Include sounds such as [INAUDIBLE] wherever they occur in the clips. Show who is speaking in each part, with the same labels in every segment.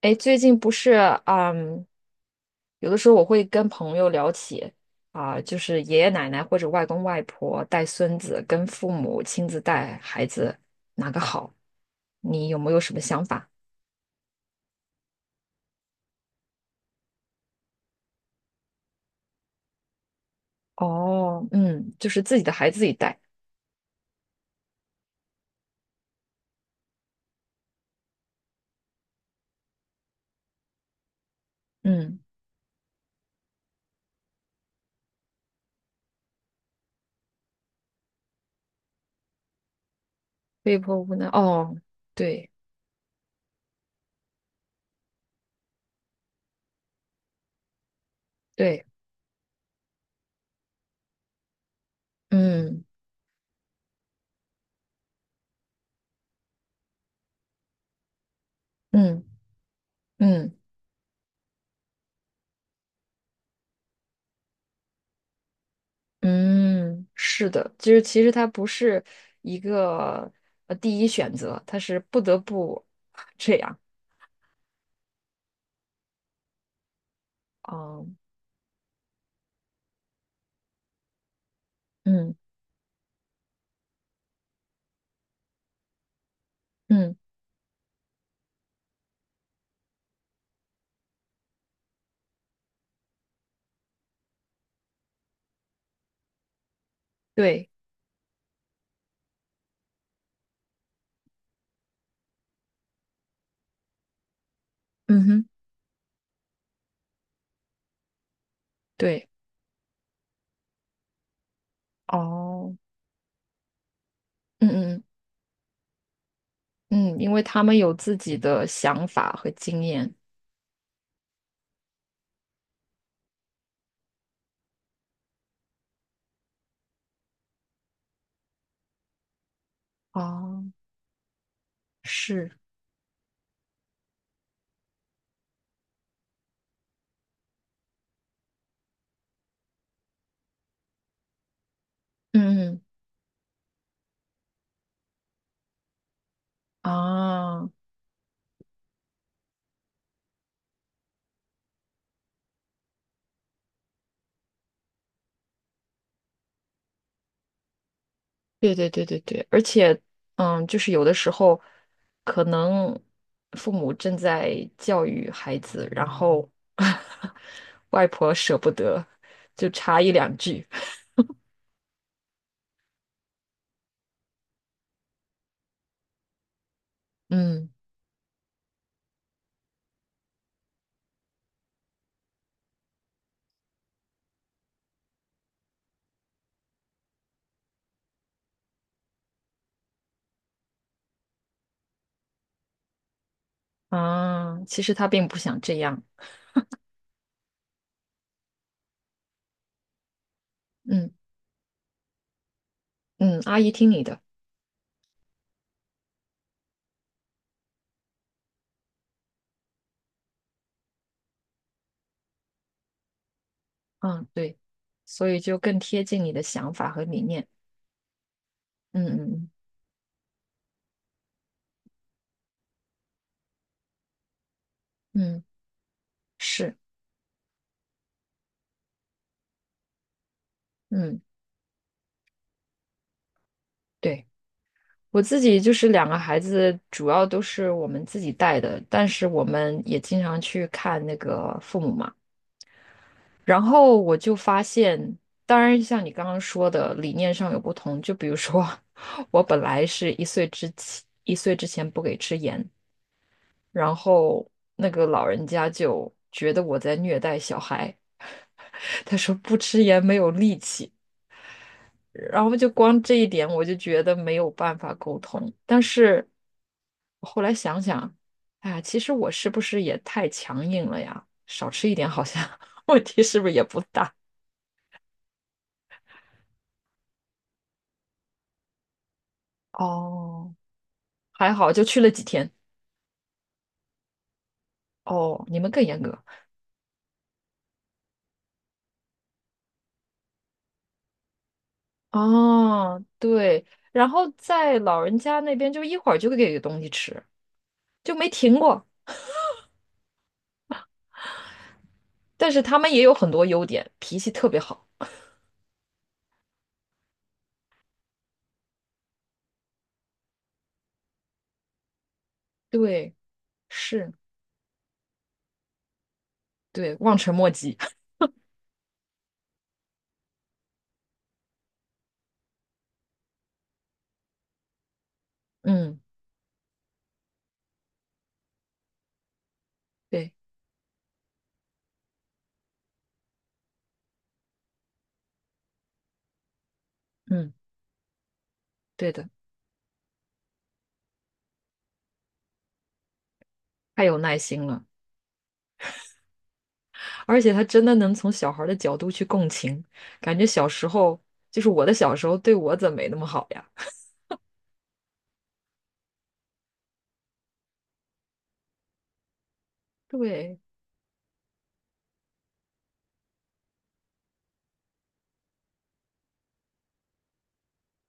Speaker 1: 哎，最近不是，嗯，有的时候我会跟朋友聊起啊，就是爷爷奶奶或者外公外婆带孙子，跟父母亲自带孩子，哪个好？你有没有什么想法？哦，嗯，就是自己的孩子自己带，嗯，被迫无奈，哦，对对，嗯嗯嗯嗯，是的，就是其实他不是一个第一选择，他是不得不 [LAUGHS] 这样。哦，嗯嗯，对，嗯哼，对，哦，嗯嗯嗯，因为他们有自己的想法和经验。哦，是，嗯嗯啊，对对对对对，而且，就是有的时候，可能父母正在教育孩子，然后 [LAUGHS] 外婆舍不得，就插一两句。[LAUGHS] 嗯啊，其实他并不想这样。嗯嗯，阿姨听你的。嗯，对，所以就更贴近你的想法和理念。嗯嗯嗯，嗯是，嗯，对，我自己就是两个孩子，主要都是我们自己带的，但是我们也经常去看那个父母嘛。然后我就发现，当然像你刚刚说的，理念上有不同。就比如说，[LAUGHS] 我本来是1岁之前，1岁之前不给吃盐，然后那个老人家就觉得我在虐待小孩。他说不吃盐没有力气，然后就光这一点我就觉得没有办法沟通。但是我后来想想，哎呀，其实我是不是也太强硬了呀？少吃一点好像 [LAUGHS] 问题是不是也不大？哦，还好就去了几天。哦，你们更严格。哦，对，然后在老人家那边就一会儿就给东西吃，就没停过。但是他们也有很多优点，脾气特别好。对，是，对，望尘莫及。嗯，对，嗯，对的，太有耐心了，而且他真的能从小孩儿的角度去共情，感觉小时候就是我的小时候对我怎么没那么好呀？对，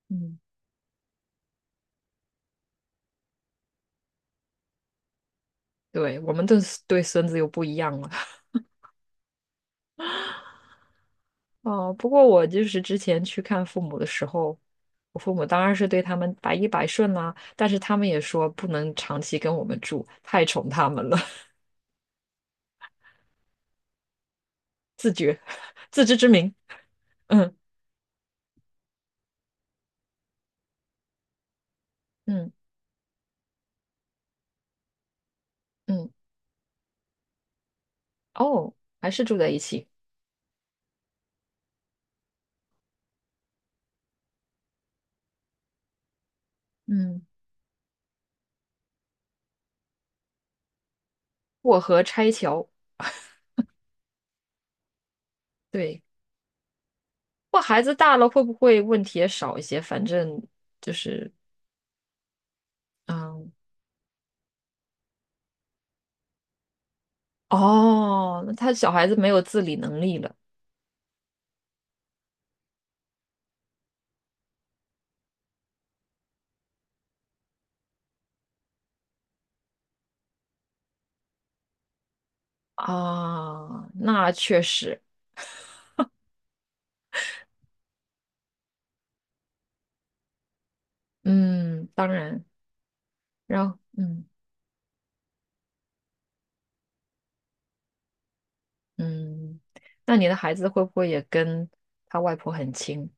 Speaker 1: 嗯，对，我们对孙子又不一样了。哦，不过我就是之前去看父母的时候，我父母当然是对他们百依百顺啦，但是他们也说不能长期跟我们住，太宠他们了，[LAUGHS] 自知之明。嗯嗯嗯，哦，还是住在一起。嗯，过河拆桥。对，不过孩子大了会不会问题也少一些？反正就是，嗯，哦，那他小孩子没有自理能力了啊，那确实，嗯，当然，然后，嗯嗯，那你的孩子会不会也跟他外婆很亲？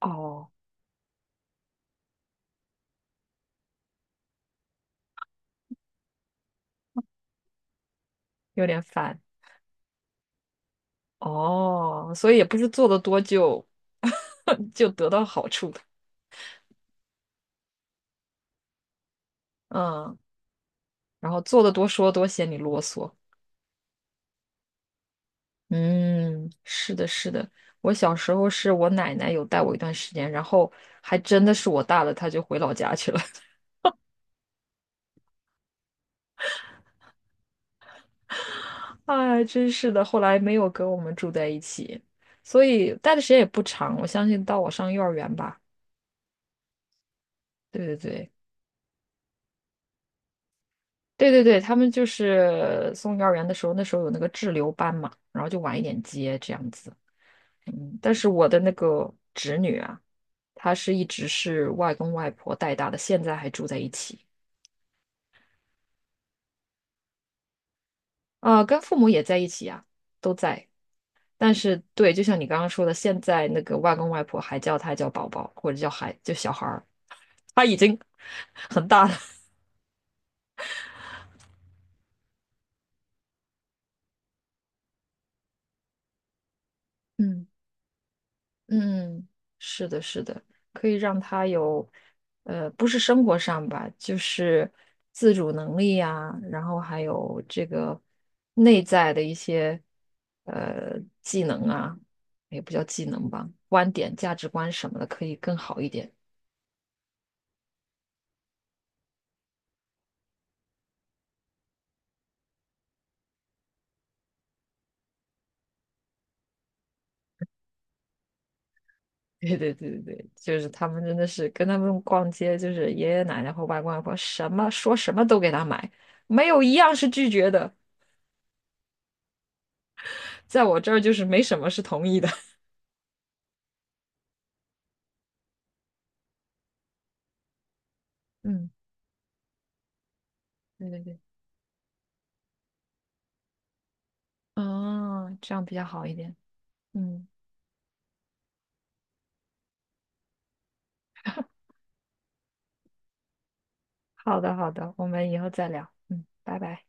Speaker 1: 哦，有点反，哦，所以也不是做的多就 [LAUGHS] 就得到好处的，嗯，然后做的多说多嫌你啰嗦，嗯，是的，是的。我小时候是我奶奶有带我一段时间，然后还真的是我大了，她就回老家去了。[LAUGHS] 哎，真是的，后来没有跟我们住在一起，所以待的时间也不长。我相信到我上幼儿园吧。对对对，对对对，他们就是送幼儿园的时候，那时候有那个滞留班嘛，然后就晚一点接这样子。嗯，但是我的那个侄女啊，她是一直是外公外婆带大的，现在还住在一起。啊，跟父母也在一起呀、都在。但是，对，就像你刚刚说的，现在那个外公外婆还叫他叫宝宝，或者叫孩，就小孩儿，他已经 [LAUGHS] 很大了。嗯嗯，是的，是的，可以让他有，不是生活上吧，就是自主能力呀、然后还有这个内在的一些呃技能啊，也不叫技能吧，观点、价值观什么的，可以更好一点。[LAUGHS] 对对对对对，就是他们真的是跟他们逛街，就是爷爷奶奶或外公外婆什么说什么都给他买，没有一样是拒绝的，在我这儿就是没什么是同意的。[LAUGHS] 嗯，对对对，哦，这样比较好一点。嗯，好的好的，我们以后再聊。嗯，拜拜。